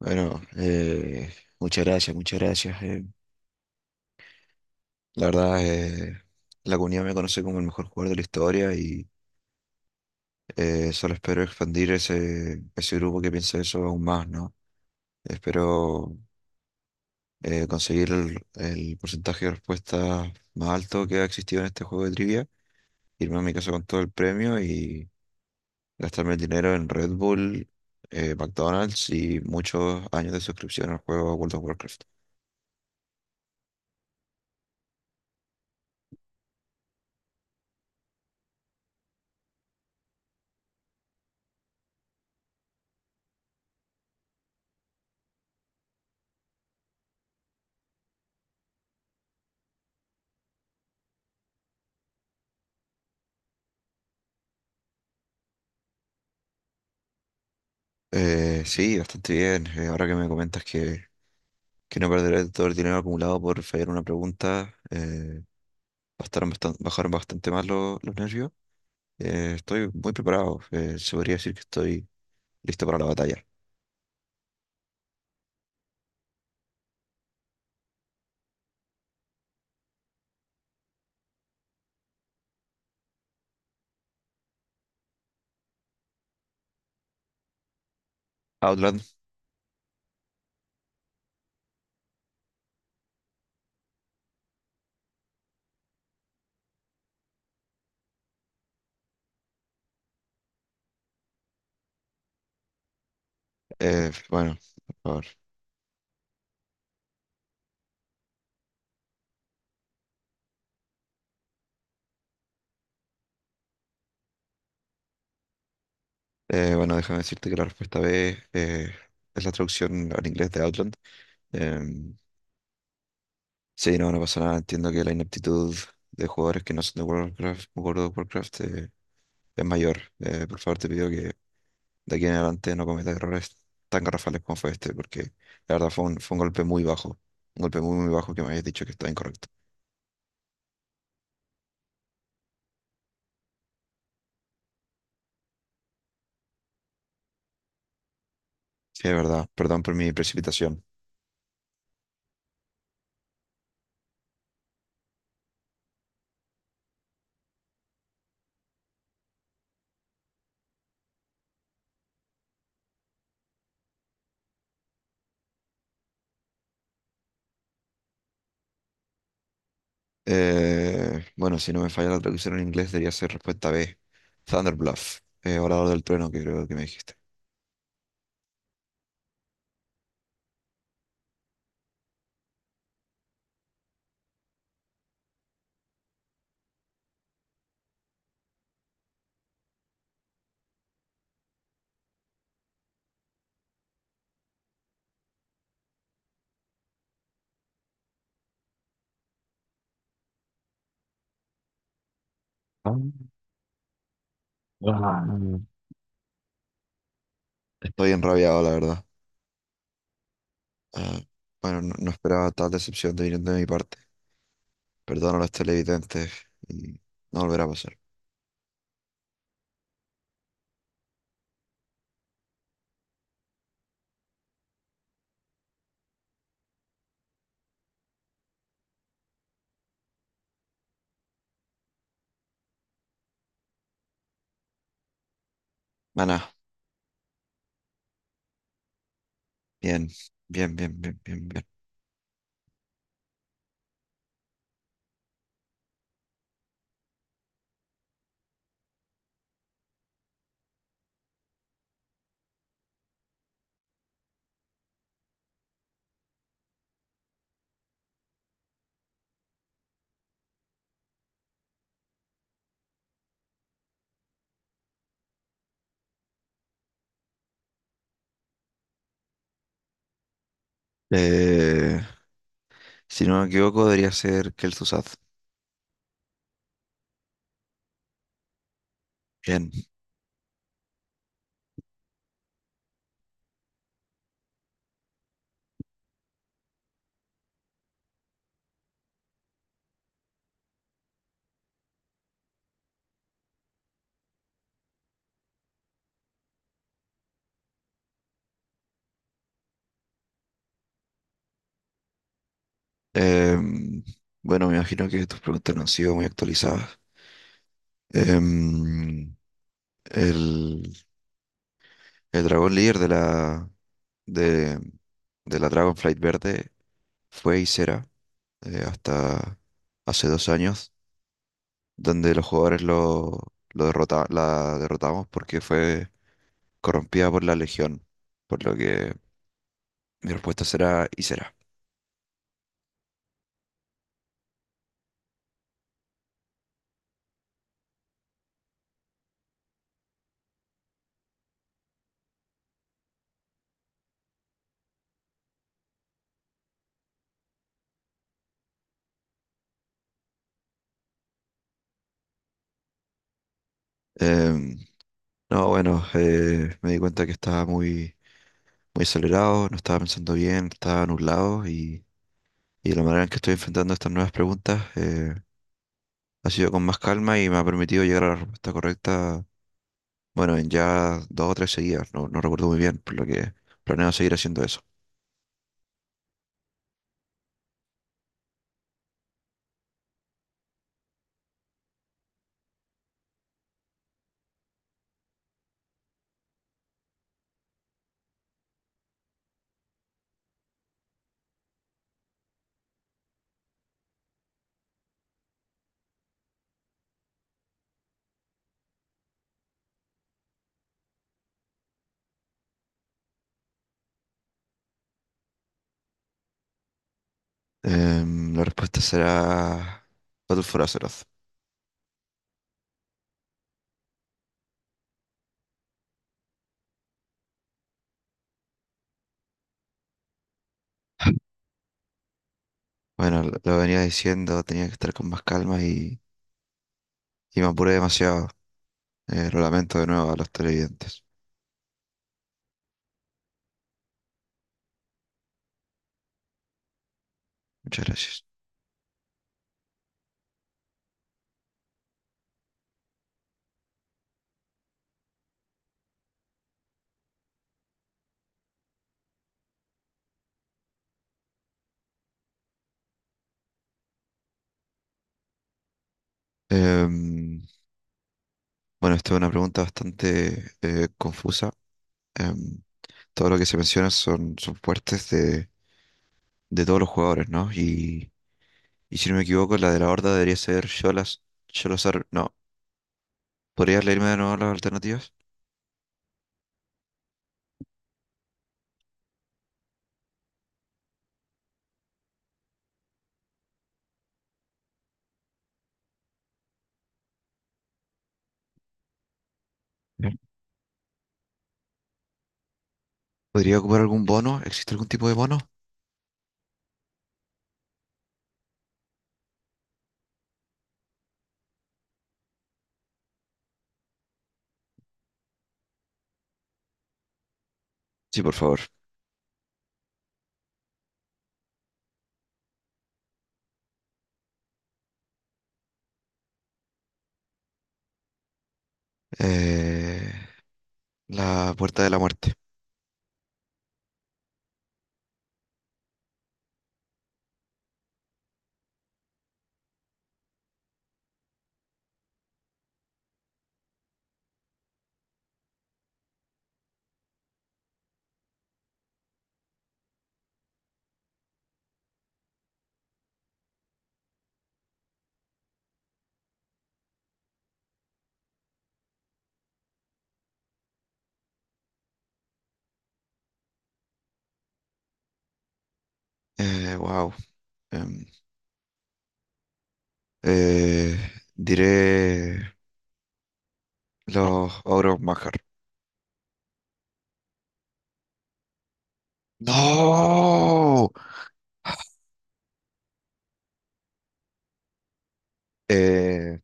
Bueno, eh, muchas gracias, muchas gracias. La verdad, la comunidad me conoce como el mejor jugador de la historia y solo espero expandir ese grupo que piensa eso aún más, ¿no? Espero conseguir el porcentaje de respuesta más alto que ha existido en este juego de trivia, irme a mi casa con todo el premio y gastarme el dinero en Red Bull, McDonald's y muchos años de suscripción al juego World of Warcraft. Sí, bastante bien. Ahora que me comentas que no perderé todo el dinero acumulado por fallar una pregunta, bajaron bastante más los nervios. Estoy muy preparado. Se podría decir que estoy listo para la batalla. Outland. Bueno, por favor. Bueno, déjame decirte que la respuesta B es la traducción al inglés de Outland. Em, sí, no, no pasa nada. Entiendo que la inaptitud de jugadores que no son de World of Warcraft es mayor. Por favor, te pido que de aquí en adelante no cometa errores tan garrafales como fue este, porque la verdad fue fue un golpe muy bajo, un golpe muy, muy bajo que me habías dicho que estaba incorrecto. Sí, es verdad, perdón por mi precipitación. Bueno, si no me falla la traducción en inglés, debería ser respuesta B, Thunder Bluff, Orador del Trueno, que creo que me dijiste. Ah, ah. Estoy enrabiado, la verdad. Ah, bueno, no, no esperaba tal decepción de viniendo de mi parte. Perdono a los televidentes y no volverá a pasar. Maná. Bien, bien, bien, bien, bien, bien. Eh, si no me equivoco, debería ser Kel'Thuzad. Bien. Em, bueno, me imagino que tus preguntas no han sido muy actualizadas. Em, el, el dragón líder de de, de la Dragonflight Verde fue y será hasta hace 2 años, donde los jugadores la derrotamos porque fue corrompida por la Legión, por lo que mi respuesta será y será. No, bueno, me di cuenta que estaba muy, muy acelerado, no estaba pensando bien, estaba nublado y la manera en que estoy enfrentando estas nuevas preguntas ha sido con más calma y me ha permitido llegar a la respuesta correcta, bueno, en ya dos o tres seguidas, no, no recuerdo muy bien, por lo que planeo seguir haciendo eso. La respuesta será Battle for Azeroth. Bueno, lo venía diciendo, tenía que estar con más calma y me apuré demasiado. Lo lamento de nuevo a los televidentes. Muchas gracias. Em, Bueno, esta es una pregunta bastante confusa. Em, todo lo que se menciona son fuertes de todos los jugadores, ¿no? Y si no me equivoco, la de la Horda debería ser Sholazar. No, ¿podrías leerme de nuevo las alternativas? Bien. ¿Podría ocupar algún bono? ¿Existe algún tipo de bono? Sí, por favor. Eh, la Puerta de la Muerte. Wow. Em, eh, diré los ogros Majar. ¡No! Eh,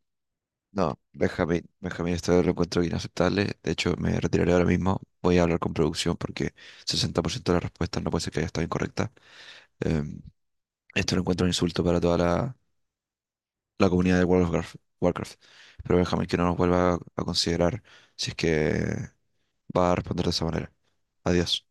no, Benjamín, Benjamín, esto lo encuentro inaceptable. De hecho, me retiraré ahora mismo. Voy a hablar con producción porque 60% de las respuestas no puede ser que haya estado incorrecta. Em, esto lo encuentro un insulto para toda la, la comunidad de World of Warcraft, Warcraft. Pero Benjamín, que no nos vuelva a considerar si es que va a responder de esa manera. Adiós.